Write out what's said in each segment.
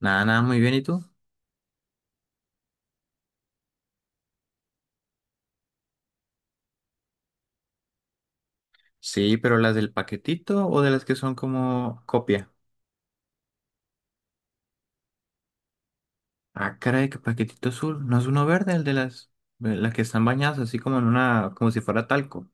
Nada, muy bien. ¿Y tú? Sí, pero las del paquetito o de las que son como copia. Ah, caray, que paquetito azul. ¿No es uno verde, el de las que están bañadas así como en una, como si fuera talco?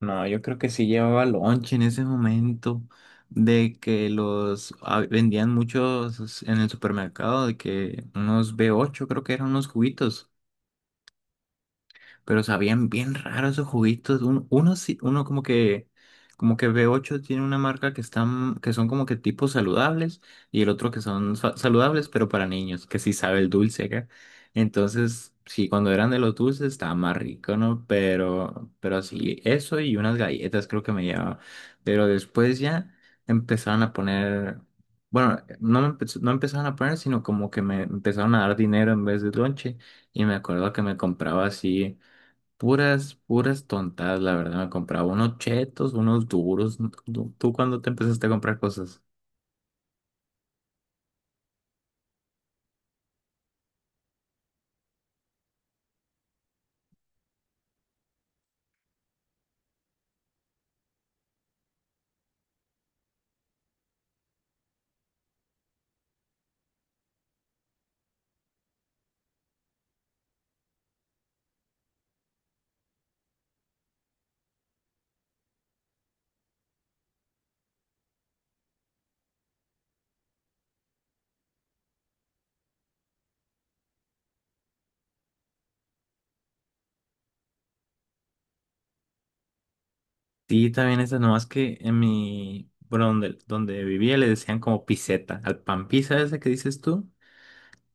No, yo creo que sí llevaba lonche en ese momento de que los vendían muchos en el supermercado, de que unos B8 creo que eran unos juguitos. Pero sabían bien raro esos juguitos. Uno como que B8 tiene una marca que están, que son como que tipos saludables y el otro que son saludables, pero para niños, que sí sabe el dulce acá. Entonces, sí, cuando eran de los dulces estaba más rico, ¿no? Pero así, eso y unas galletas creo que me llevaba. Pero después ya empezaron a poner, bueno, no, no empezaron a poner, sino como que me empezaron a dar dinero en vez de lonche. Y me acuerdo que me compraba así. Puras tontadas, la verdad. Me compraba unos chetos, unos duros. ¿Tú cuándo te empezaste a comprar cosas? Sí, también esas, nomás que en mi, bueno, donde vivía le decían como piseta. Al pan pizza ese que dices tú,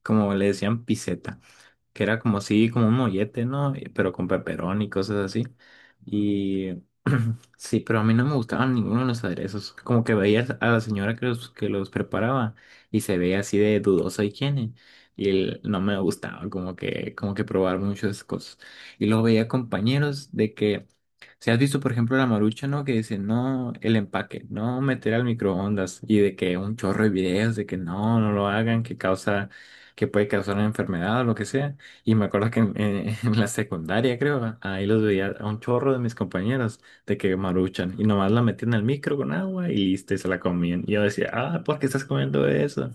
como le decían piseta. Que era como así, como un mollete, ¿no? Y- Pero con peperón y cosas así. Y sí, pero a mí no me gustaban ninguno de los aderezos. Como que veías a la señora que los preparaba y se veía así de dudosa higiene. Y el- no me gustaba como que probar muchas cosas. Y luego veía compañeros de que si has visto, por ejemplo, la Marucha, ¿no? Que dice, no, el empaque, no meter al microondas. Y de que un chorro de videos de que no, no lo hagan, que causa, que puede causar una enfermedad o lo que sea. Y me acuerdo que en la secundaria, creo, ahí los veía a un chorro de mis compañeros de que maruchan. Y nomás la metían al micro con agua y listo, y se la comían. Y yo decía, ah, ¿por qué estás comiendo eso?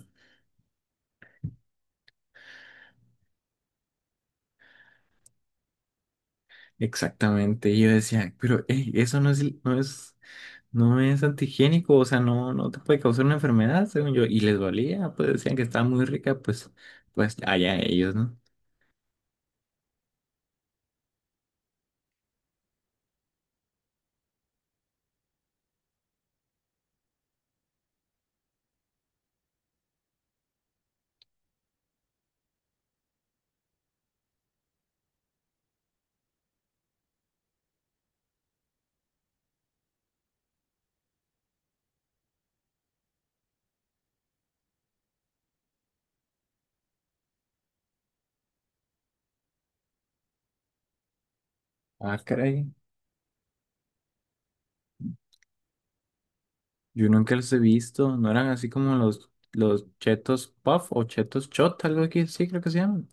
Exactamente. Y yo decía, pero, hey, eso no es, no es. No es antihigiénico, o sea, no, no te puede causar una enfermedad, según yo. Y les valía, pues decían que estaba muy rica, pues, pues allá ellos, ¿no? Ah, caray. Yo nunca los he visto. No eran así como los chetos puff o chetos shot, algo así, sí, creo que se llaman.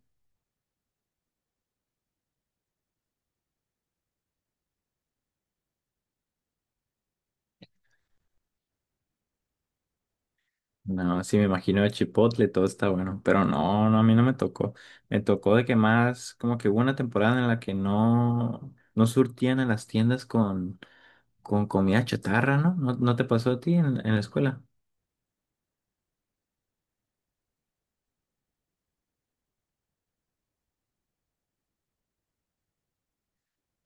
No, sí, me imagino de Chipotle, todo está bueno. Pero no, a mí no me tocó. Me tocó de que más, como que hubo una temporada en la que no, no surtían a las tiendas con comida chatarra, ¿no? ¿No, no te pasó a ti en la escuela?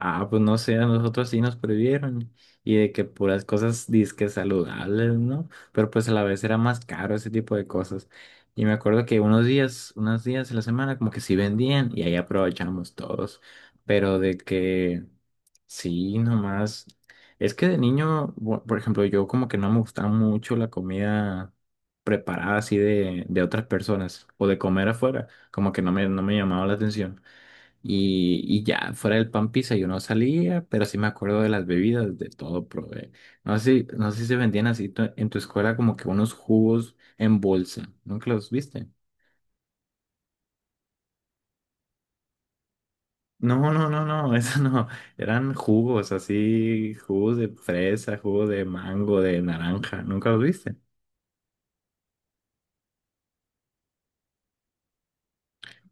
Ah, pues no sé, a nosotros sí nos prohibieron y de que puras cosas disque saludables, ¿no? Pero pues a la vez era más caro ese tipo de cosas. Y me acuerdo que unos días de la semana como que sí vendían y ahí aprovechamos todos, pero de que sí, nomás. Es que de niño, bu- por ejemplo, yo como que no me gustaba mucho la comida preparada así de otras personas o de comer afuera, como que no me, no me llamaba la atención. Y ya, fuera del pan pizza yo no salía, pero sí me acuerdo de las bebidas, de todo probé. No sé, si- no sé si se vendían así tu- en tu escuela como que unos jugos en bolsa. ¿Nunca los viste? No, eso no. Eran jugos así, jugos de fresa, jugo de mango, de naranja. ¿Nunca los viste?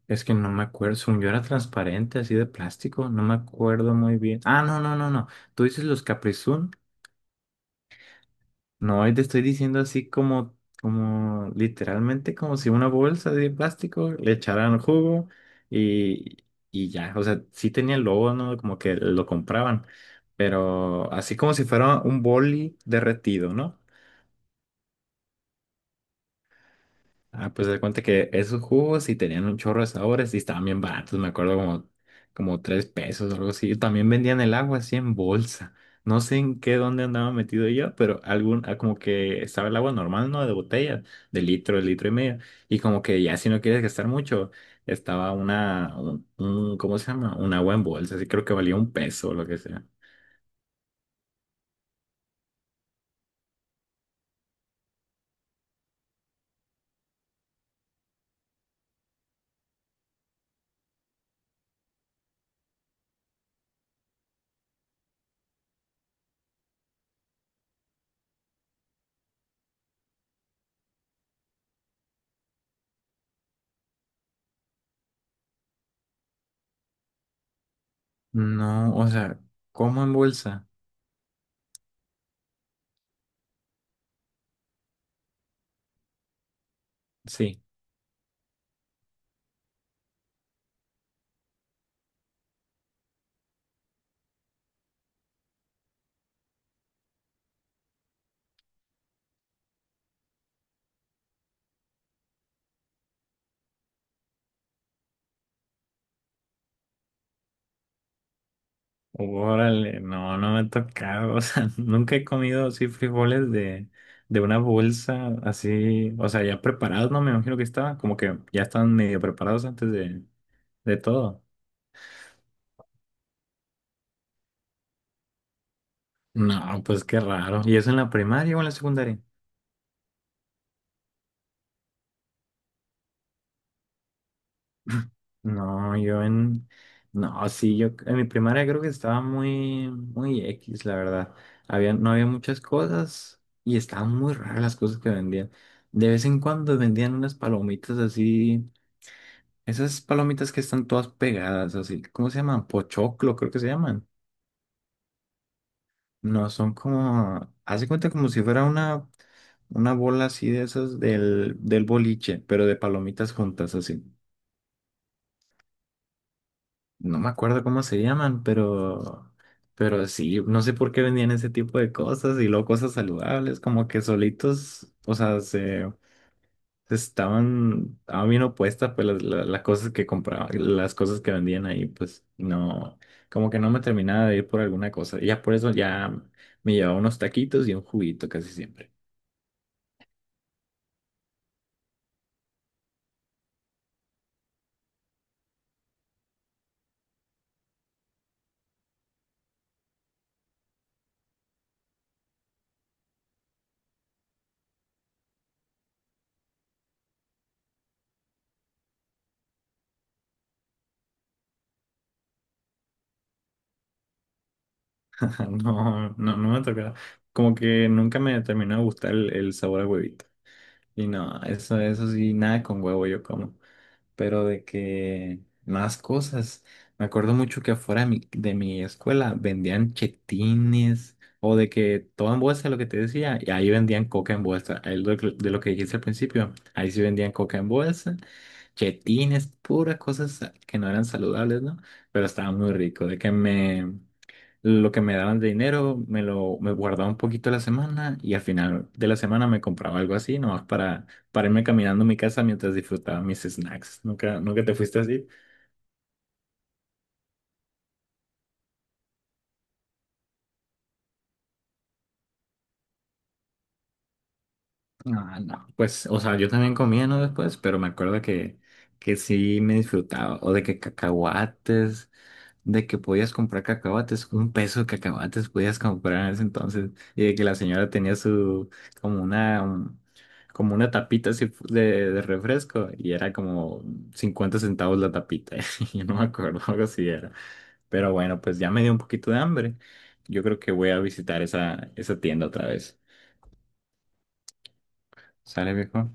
Es que no me acuerdo, según yo era transparente, así de plástico, no me acuerdo muy bien. Ah, no. ¿Tú dices los Capri? No, y te estoy diciendo así como, como literalmente como si una bolsa de plástico le echaran jugo y, y ya. O sea, sí tenía el logo, ¿no? Como que lo compraban, pero así como si fuera un boli derretido, ¿no? Ah, pues se cuenta que esos jugos sí tenían un chorro de sabores y estaban bien baratos, me acuerdo como, como 3 pesos o algo así. Y también vendían el agua así en bolsa. No sé en qué dónde andaba metido yo, pero algún, ah, como que estaba el agua normal, ¿no? De botella, de litro y medio. Y como que ya si no quieres gastar mucho, estaba una, ¿cómo se llama? Un agua en bolsa, así creo que valía un peso o lo que sea. No, o sea, ¿cómo en bolsa? Sí. Órale, no, no me ha tocado, o sea, nunca he comido así frijoles de una bolsa así, o sea, ya preparados, no me imagino que estaban, como que ya estaban medio preparados antes de todo. No, pues qué raro. ¿Y eso en la primaria o en la secundaria? No, yo en... No, sí, yo en mi primaria creo que estaba muy X, la verdad. No había muchas cosas y estaban muy raras las cosas que vendían. De vez en cuando vendían unas palomitas así. Esas palomitas que están todas pegadas, así, ¿cómo se llaman? Pochoclo, creo que se llaman. No, son como, hace cuenta como si fuera una bola así de esas del boliche, pero de palomitas juntas, así. No me acuerdo cómo se llaman, pero sí, no sé por qué vendían ese tipo de cosas y luego cosas saludables, como que solitos, o sea, se estaban bien opuestas, pues las, la- las cosas que compraba, las cosas que vendían ahí, pues no, como que no me terminaba de ir por alguna cosa. Y ya por eso ya me llevaba unos taquitos y un juguito casi siempre. No me tocaba. Como que nunca me terminó de gustar el sabor a huevito. Y no, eso sí, nada con huevo yo como. Pero de que más cosas. Me acuerdo mucho que afuera de mi escuela vendían chetines o de que todo en bolsa, lo que te decía, y ahí vendían coca en bolsa. Ahí lo que- de lo que dijiste al principio, ahí sí vendían coca en bolsa, chetines, puras cosas que no eran saludables, ¿no? Pero estaba muy rico, de que me... Lo que me daban de dinero me lo me guardaba un poquito a la semana y al final de la semana me compraba algo así, nomás para irme caminando a mi casa mientras disfrutaba mis snacks. ¿Nunca te fuiste así? Ah, no. Pues, o sea, yo también comía, ¿no? Después, pero me acuerdo que sí me disfrutaba. O de que cacahuates, de que podías comprar cacahuates, un peso de cacahuates podías comprar en ese entonces. Y de que la señora tenía su, como una, un- como una tapita así fu- de refresco. Y era como 50 centavos la tapita. Yo no me acuerdo, algo así era. Pero bueno, pues ya me dio un poquito de hambre. Yo creo que voy a visitar esa, esa tienda otra vez. ¿Sale, viejo?